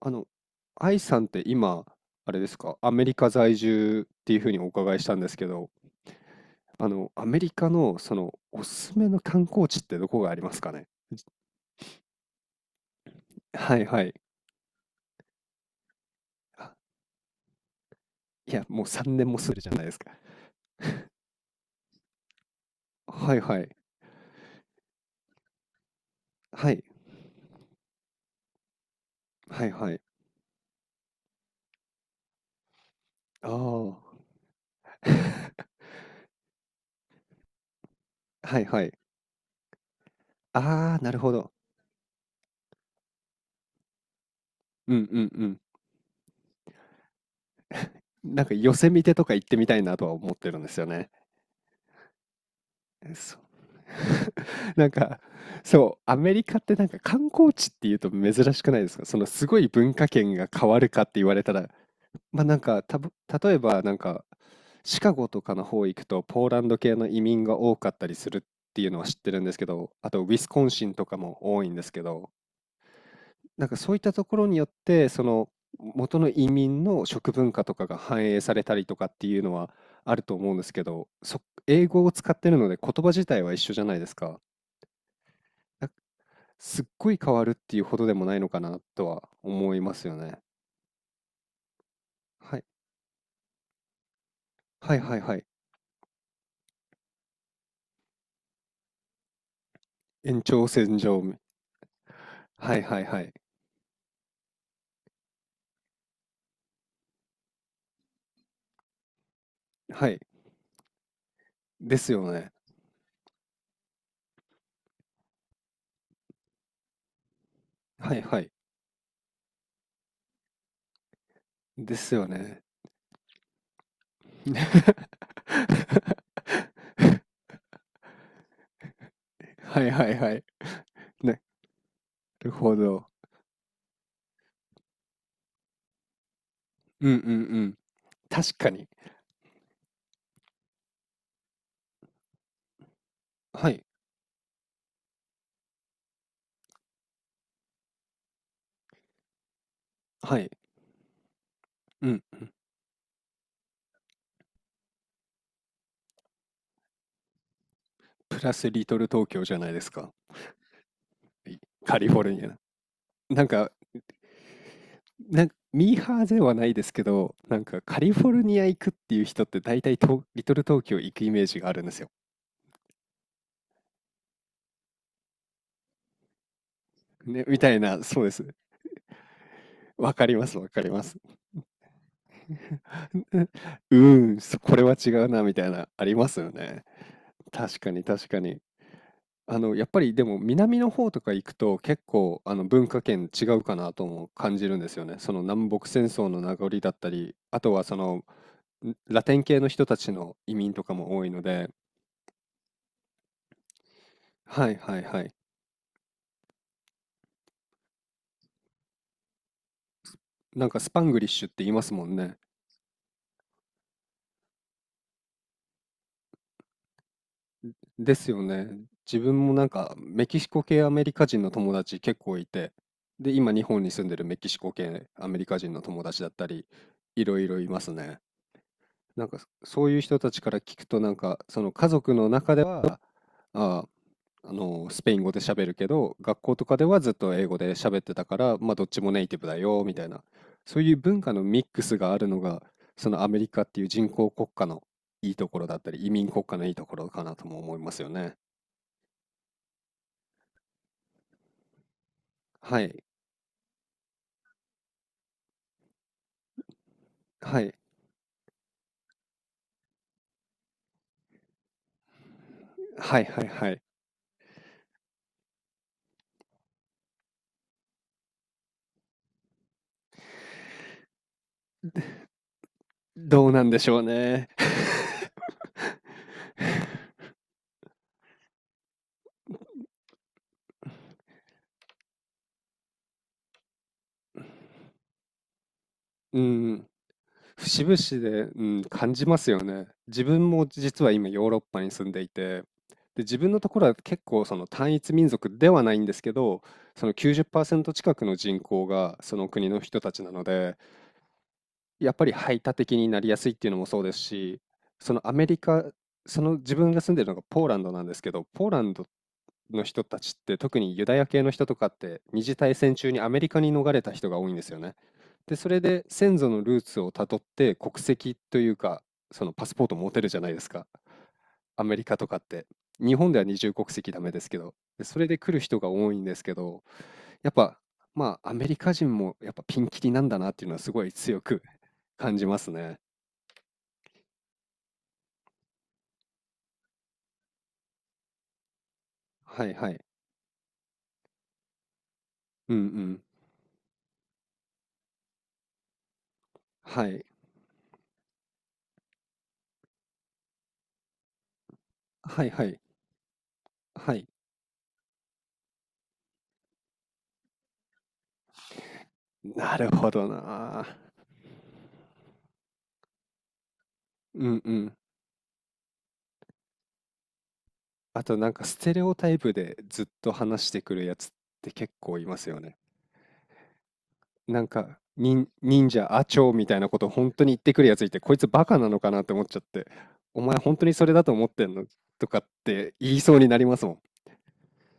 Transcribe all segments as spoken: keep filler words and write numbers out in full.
あの、愛さんって今、あれですか、アメリカ在住っていうふうにお伺いしたんですけど、あの、アメリカのそのおすすめの観光地ってどこがありますかねじはいはい。あいや、もうさんねんも住んでるじゃないですか。はいはい。はい。はいはい。ああ。はいはい。ああ、なるほど。うんうんうん。なんかヨセミテとか行ってみたいなとは思ってるんですよね。なんか、そう、アメリカってなんか観光地っていうと珍しくないですか？そのすごい文化圏が変わるかって言われたら、まあなんか、たぶ、例えばなんか、シカゴとかの方行くとポーランド系の移民が多かったりするっていうのは知ってるんですけど、あとウィスコンシンとかも多いんですけど、なんかそういったところによって、その元の移民の食文化とかが反映されたりとかっていうのはあると思うんですけど、そ、英語を使ってるので言葉自体は一緒じゃないですか。すっごい変わるっていうほどでもないのかなとは思いますよね。はい。はいはいはい。延長線上。はいはいはい。はい。ですよね。はいはい。ですよね。はいはいはい。なるほど。うんうんうん。確かに。はい。はい。うん。プラスリトル東京じゃないですか。いカリフォルニア。なんかなんかミーハーではないですけど、なんかカリフォルニア行くっていう人って大体東リトル東京行くイメージがあるんですよ。ね、みたいな、そうです。わかります、わかります。うーん、そこれは違うな、みたいな、ありますよね。確かに、確かに。あの、やっぱりでも南の方とか行くと結構あの文化圏違うかなとも感じるんですよね。その南北戦争の名残だったり、あとはそのんラテン系の人たちの移民とかも多いので、はいはいはい。なんかスパングリッシュって言いますもんね。ですよね。自分もなんかメキシコ系アメリカ人の友達結構いて、で、今日本に住んでるメキシコ系アメリカ人の友達だったり、いろいろいますね。なんかそういう人たちから聞くとなんかその家族の中では、あ、あのスペイン語で喋るけど学校とかではずっと英語で喋ってたからまあどっちもネイティブだよみたいな、そういう文化のミックスがあるのがそのアメリカっていう人工国家のいいところだったり移民国家のいいところかなとも思いますよね。はいはいはいはいはい。どうなんでしょうね。うん、節々で、うん、感じますよね。自分も実は今ヨーロッパに住んでいて、で、自分のところは結構その単一民族ではないんですけど、そのきゅうじゅっパーセント近くの人口がその国の人たちなので、やっぱり排他的になりやすいっていうのもそうですし、そのアメリカ、その自分が住んでるのがポーランドなんですけど、ポーランドっの人たちって特にユダヤ系の人とかって二次大戦中にアメリカに逃れた人が多いんですよね。で、それで先祖のルーツをたどって国籍というかそのパスポート持てるじゃないですか。アメリカとかって。日本では二重国籍ダメですけど、でそれで来る人が多いんですけど、やっぱまあアメリカ人もやっぱピンキリなんだなっていうのはすごい強く 感じますね。はいはい。うんうん。はい。はいはい。はい。なるほどな。うんうん。あとなんかステレオタイプでずっと話してくるやつって結構いますよね。なんか、忍忍者、アチョみたいなことを本当に言ってくるやついて、こいつバカなのかなって思っちゃって、お前本当にそれだと思ってんのとかって言いそうになりますもん。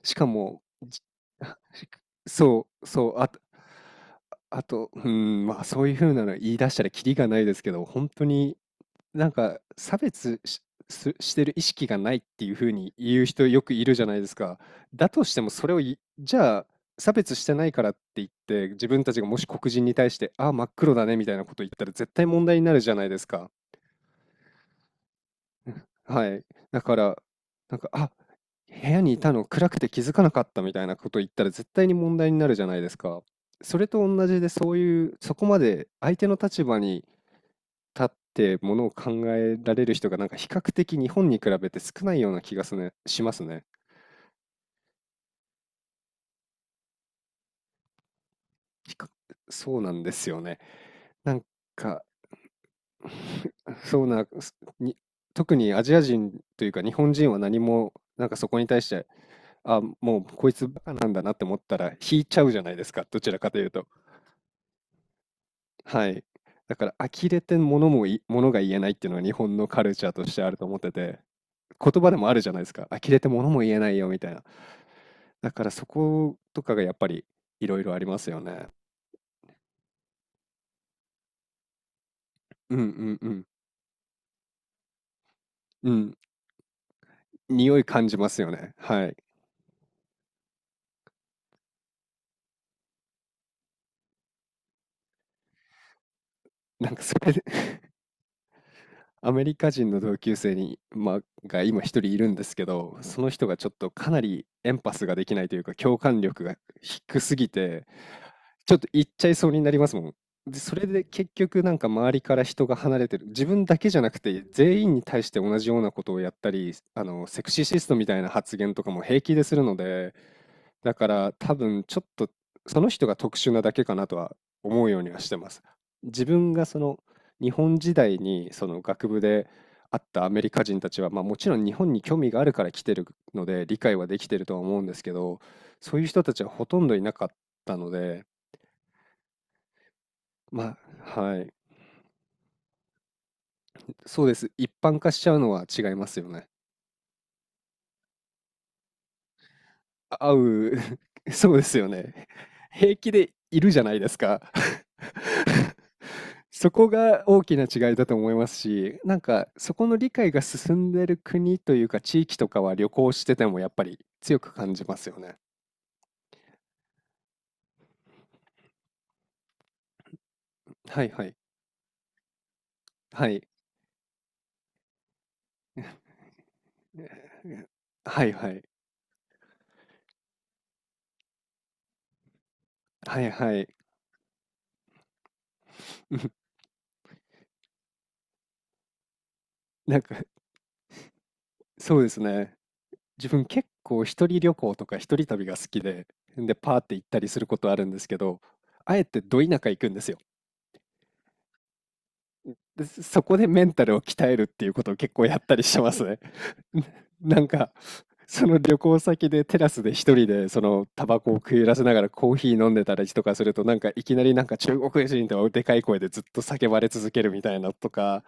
しかも、じ そう、そう、あと、あと、うん、まあそういう風なの言い出したらキリがないですけど、本当になんか、差別しすしてる意識がないっていう風に言う人よくいるじゃないですか。だとしてもそれをいじゃあ、差別してないからって言って、自分たちがもし黒人に対して、ああ、真っ黒だねみたいなこと言ったら絶対問題になるじゃないですか。はい。だから、なんか、あ、部屋にいたの暗くて気づかなかったみたいなこと言ったら絶対に問題になるじゃないですか。それと同じで、そういう、そこまで相手の立場に立ってものを考えられる人がなんか比較的日本に比べて少ないような気がすね、しますね。比較そうなんですよね。なんか そうな、すに特にアジア人というか日本人は何もなんかそこに対して、あ、もうこいつバカなんだなって思ったら引いちゃうじゃないですか、どちらかというと。はい。だから呆れて物もい、が言えないっていうのは日本のカルチャーとしてあると思ってて、言葉でもあるじゃないですか。呆れて物も言えないよみたいな。だからそことかがやっぱりいろいろありますよね。うんうんうん。うん。匂い感じますよね。はい。なんかそれで アメリカ人の同級生に、まあ、が今一人いるんですけど、その人がちょっとかなりエンパスができないというか共感力が低すぎて、ちょっと言っちゃいそうになりますもん。で、それで結局なんか周りから人が離れてる。自分だけじゃなくて全員に対して同じようなことをやったり、あの、セクシーシストみたいな発言とかも平気でするので、だから多分ちょっとその人が特殊なだけかなとは思うようにはしてます。自分がその日本時代にその学部で会ったアメリカ人たちは、まあ、もちろん日本に興味があるから来てるので理解はできてるとは思うんですけど、そういう人たちはほとんどいなかったので、まあ、はい。そうです。一般化しちゃうのは違いますよね。会う そうですよね。平気でいるじゃないですか。そこが大きな違いだと思いますし、なんかそこの理解が進んでる国というか地域とかは旅行しててもやっぱり強く感じますよね。はいはい。はい。えーはいはい。はいはい。うん、なんかそうですね。自分結構一人旅行とか一人旅が好きで、で、パーって行ったりすることあるんですけど、あえてど田舎行くんですよ。で、そこでメンタルを鍛えるっていうことを結構やったりしてますね。なんか、その旅行先でテラスで一人でそのタバコを食い入らせながらコーヒー飲んでたりとかすると、なんかいきなりなんか中国人とはでかい声でずっと叫ばれ続けるみたいなとか、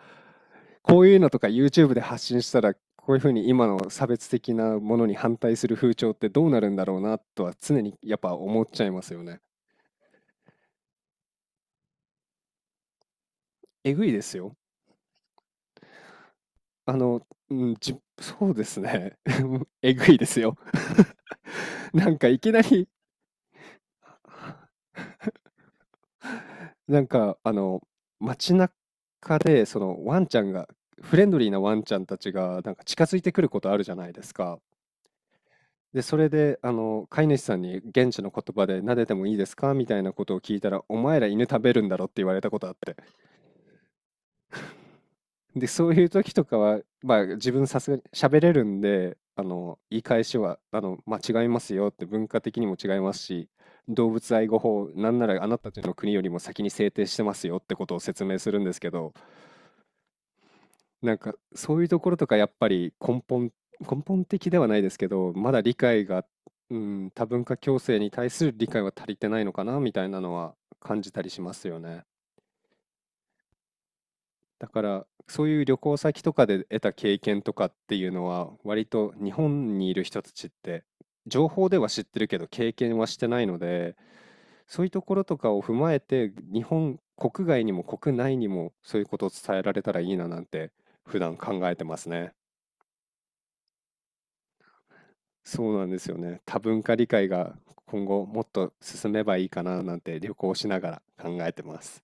こういうのとか ユーチューブ で発信したらこういうふうに今の差別的なものに反対する風潮ってどうなるんだろうなとは常にやっぱ思っちゃいますよね。えぐいですよ。あの、うん、じ、そうですね。えぐいですよ。なんかいきなりなんか、あの、街中で、その、ワンちゃんが、フレンドリーなワンちゃんたちが、なんか近づいてくることあるじゃないですか。で、それで、あの、飼い主さんに現地の言葉で、撫でてもいいですかみたいなことを聞いたら、お前ら犬食べるんだろって言われたことあって。で、そういう時とかは、まあ、自分さすがに喋れるんで、あの、言い返しは、あの、まあ、違いますよって、文化的にも違いますし、動物愛護法、なんならあなたたちの国よりも先に制定してますよってことを説明するんですけど、なんかそういうところとかやっぱり根本、根本的ではないですけど、まだ理解が、うん、多文化共生に対する理解は足りてないのかなみたいなのは感じたりしますよね。だからそういう旅行先とかで得た経験とかっていうのは割と日本にいる人たちって情報では知ってるけど経験はしてないので、そういうところとかを踏まえて日本国外にも国内にもそういうことを伝えられたらいいななんて普段考えてますね。そうなんですよね。多文化理解が今後もっと進めばいいかななんて旅行しながら考えてます。